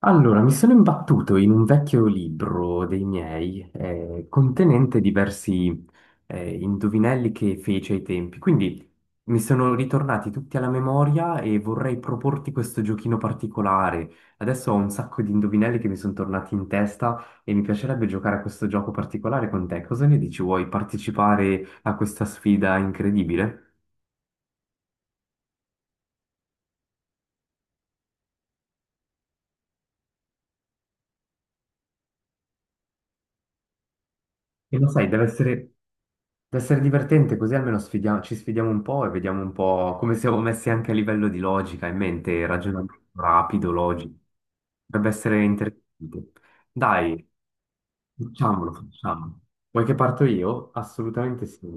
Allora, mi sono imbattuto in un vecchio libro dei miei, contenente diversi, indovinelli che fece ai tempi. Quindi mi sono ritornati tutti alla memoria e vorrei proporti questo giochino particolare. Adesso ho un sacco di indovinelli che mi sono tornati in testa e mi piacerebbe giocare a questo gioco particolare con te. Cosa ne dici? Vuoi partecipare a questa sfida incredibile? E lo sai, deve essere... Deve essere divertente, così almeno ci sfidiamo un po' e vediamo un po' come siamo messi anche a livello di logica in mente, ragionamento rapido, logico. Dovrebbe essere interessante. Dai, facciamolo, facciamolo. Vuoi che parto io? Assolutamente sì.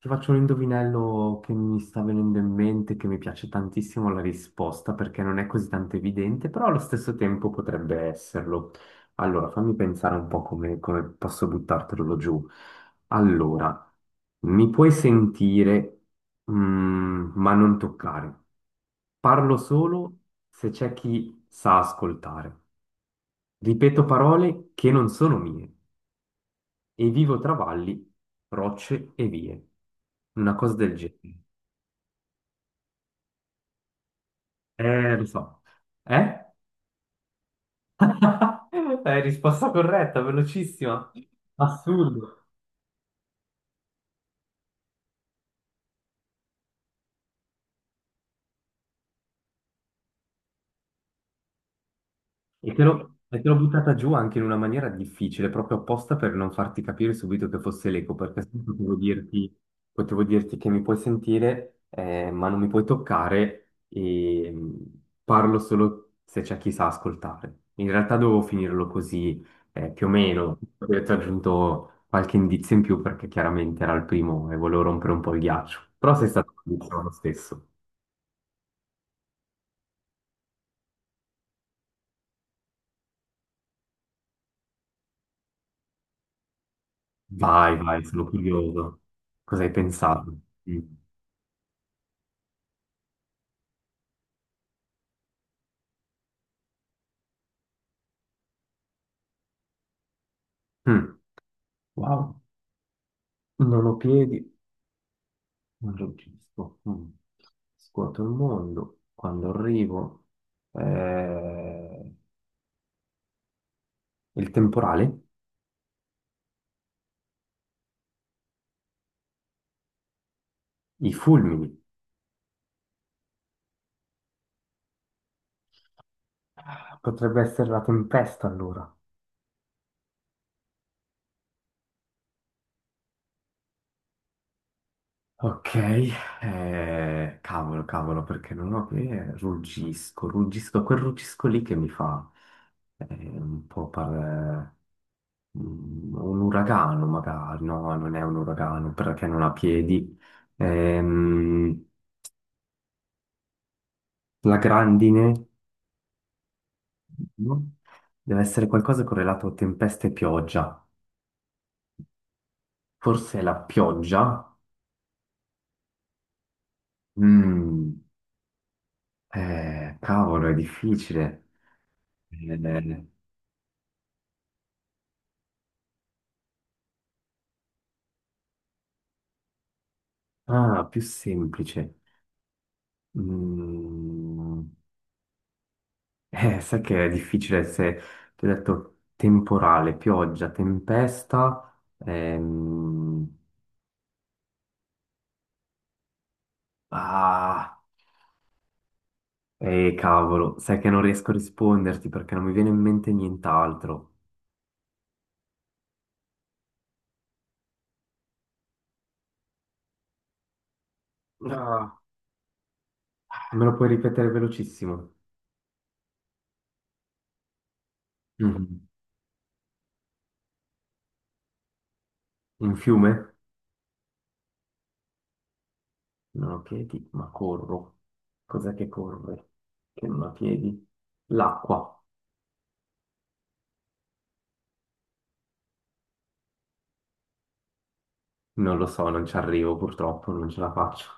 Ti faccio un indovinello che mi sta venendo in mente, che mi piace tantissimo la risposta, perché non è così tanto evidente, però allo stesso tempo potrebbe esserlo. Allora, fammi pensare un po' come posso buttartelo giù. Allora, mi puoi sentire, ma non toccare. Parlo solo se c'è chi sa ascoltare. Ripeto parole che non sono mie e vivo tra valli, rocce e vie. Una cosa del genere. Lo so. Eh? Risposta corretta, velocissima. Assurdo. E te l'ho buttata giù anche in una maniera difficile, proprio apposta per non farti capire subito che fosse l'eco, perché se no potevo dirti, potevo dirti che mi puoi sentire, ma non mi puoi toccare e parlo solo se c'è chi sa ascoltare. In realtà dovevo finirlo così, più o meno. Poi ti ho aggiunto qualche indizio in più perché chiaramente era il primo e volevo rompere un po' il ghiaccio. Però sei stato bravissimo lo stesso. Vai, vai, sono curioso. Cosa hai pensato? Mm. Mm. Wow, non ho piedi, non registro. Mm. Scuoto il mondo. Quando arrivo, eh, il temporale, i fulmini. Potrebbe essere la tempesta allora. Ok, cavolo, cavolo, perché non ho piedi. Eh, ruggisco, ruggisco, quel ruggisco lì che mi fa eh, un po' un uragano magari. No, non è un uragano perché non ha piedi. Ehm, La grandine no? Deve essere qualcosa correlato a tempeste e pioggia. Forse la pioggia? Mm, cavolo, è difficile. Eh, ah, più semplice. Mm, sai che è difficile se ti ho detto temporale, pioggia, tempesta. ehm, ah, cavolo, sai che non riesco a risponderti perché non mi viene in mente nient'altro. Ah. Me lo puoi ripetere velocissimo? Mhm. Un fiume? Non ho piedi, ma corro. Cos'è che corre? Che non ha piedi? L'acqua. Non lo so, non ci arrivo purtroppo, non ce la faccio.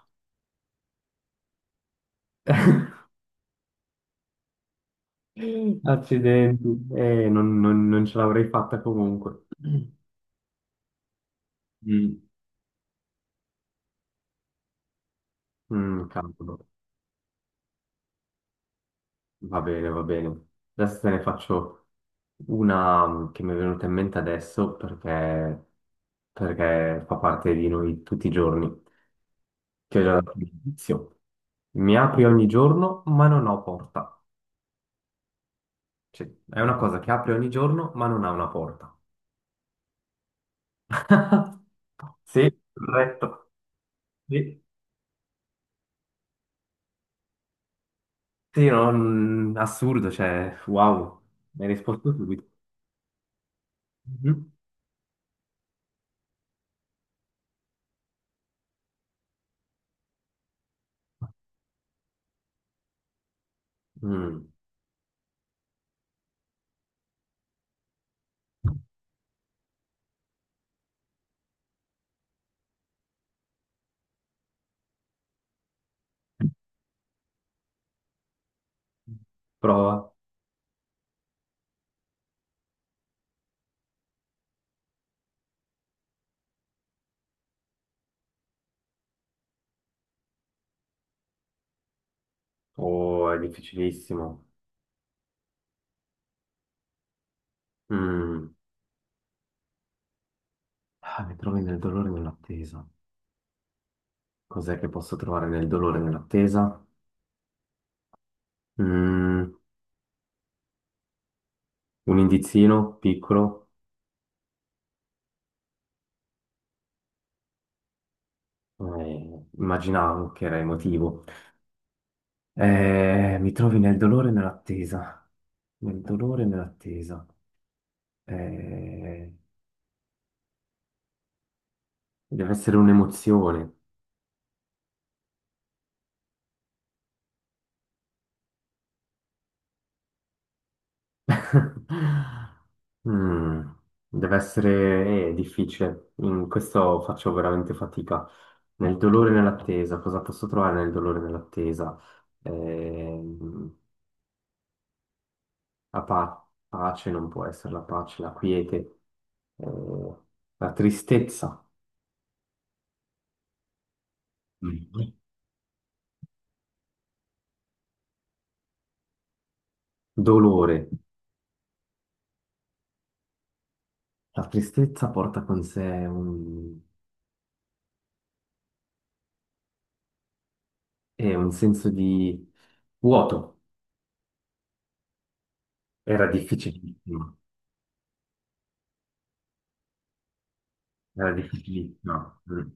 Accidenti. Non ce l'avrei fatta comunque. Mm. Mm, cavolo. Va bene, va bene. Adesso te ne faccio una che mi è venuta in mente adesso perché, perché fa parte di noi tutti i giorni. Che è già dato l'inizio. Mi apri ogni giorno, ma non ho porta. Cioè, è una cosa che apre ogni giorno, ma non ha una porta. Sì, corretto. Sì, sì, assurdo, cioè, wow, mi hai risposto subito. Mhm. Mm. Prova. Oh, è difficilissimo. Mm. Ah, mi trovi nel dolore e nell'attesa. Cos'è che posso trovare nel dolore e nell'attesa? Mm, un indizino piccolo. Immaginavo che era emotivo. Mi trovi nel dolore e nell'attesa, nel dolore e nell'attesa. Eh, deve essere un'emozione. Mm, deve essere, difficile. In questo faccio veramente fatica. Nel dolore e nell'attesa, cosa posso trovare nel dolore e nell'attesa? Eh, pace non può essere la pace, la quiete, eh, la tristezza. Dolore. La tristezza porta con sé un senso di vuoto. Era difficilissimo, era difficilissimo. Mm.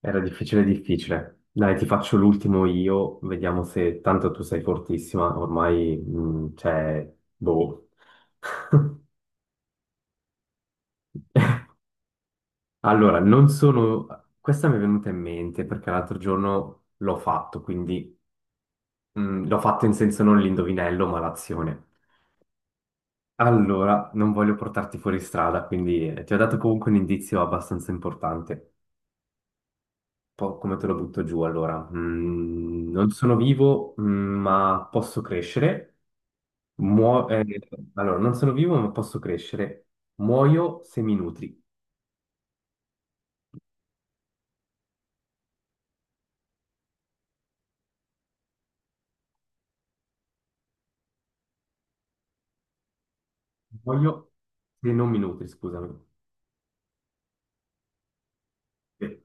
Era difficile, difficile. Dai, ti faccio l'ultimo io, vediamo se tanto tu sei fortissima, ormai cioè, boh. Allora, non sono... Questa mi è venuta in mente perché l'altro giorno l'ho fatto, quindi l'ho fatto in senso non l'indovinello, ma l'azione. Allora, non voglio portarti fuori strada, quindi ti ho dato comunque un indizio abbastanza importante. Po' come te lo butto giù allora? Mm, non sono vivo, ma posso crescere. Muo- eh, allora, non sono vivo, ma posso crescere. Muoio se mi nutri. Muoio se non mi nutri, scusami. Sì.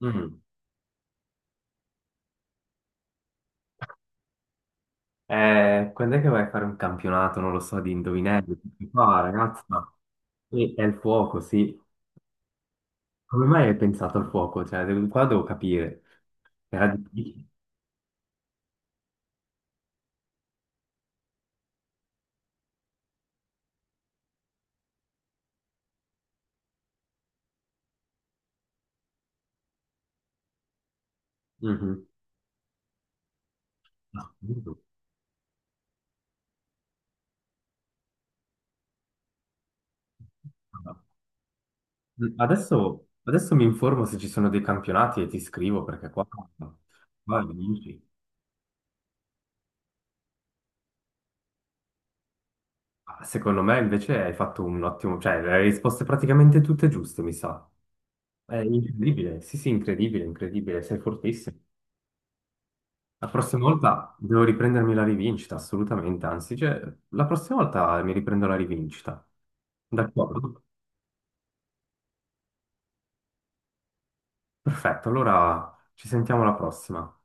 Mm. Quando è che vai a fare un campionato? Non lo so, di indovinelli. Ah, ragazza, sì, è il fuoco, sì. Come mai hai pensato al fuoco? Cioè, qua devo capire. Era difficile. Mhm. Assurdo. Adesso, adesso mi informo se ci sono dei campionati e ti scrivo perché qua, qua è venuti. Ah, secondo me invece hai fatto un ottimo, cioè le hai risposte praticamente tutte giuste, mi sa. È incredibile, sì sì, incredibile, incredibile, sei fortissimo. La prossima volta devo riprendermi la rivincita, assolutamente, anzi, cioè, la prossima volta mi riprendo la rivincita. D'accordo? Perfetto, allora ci sentiamo alla prossima.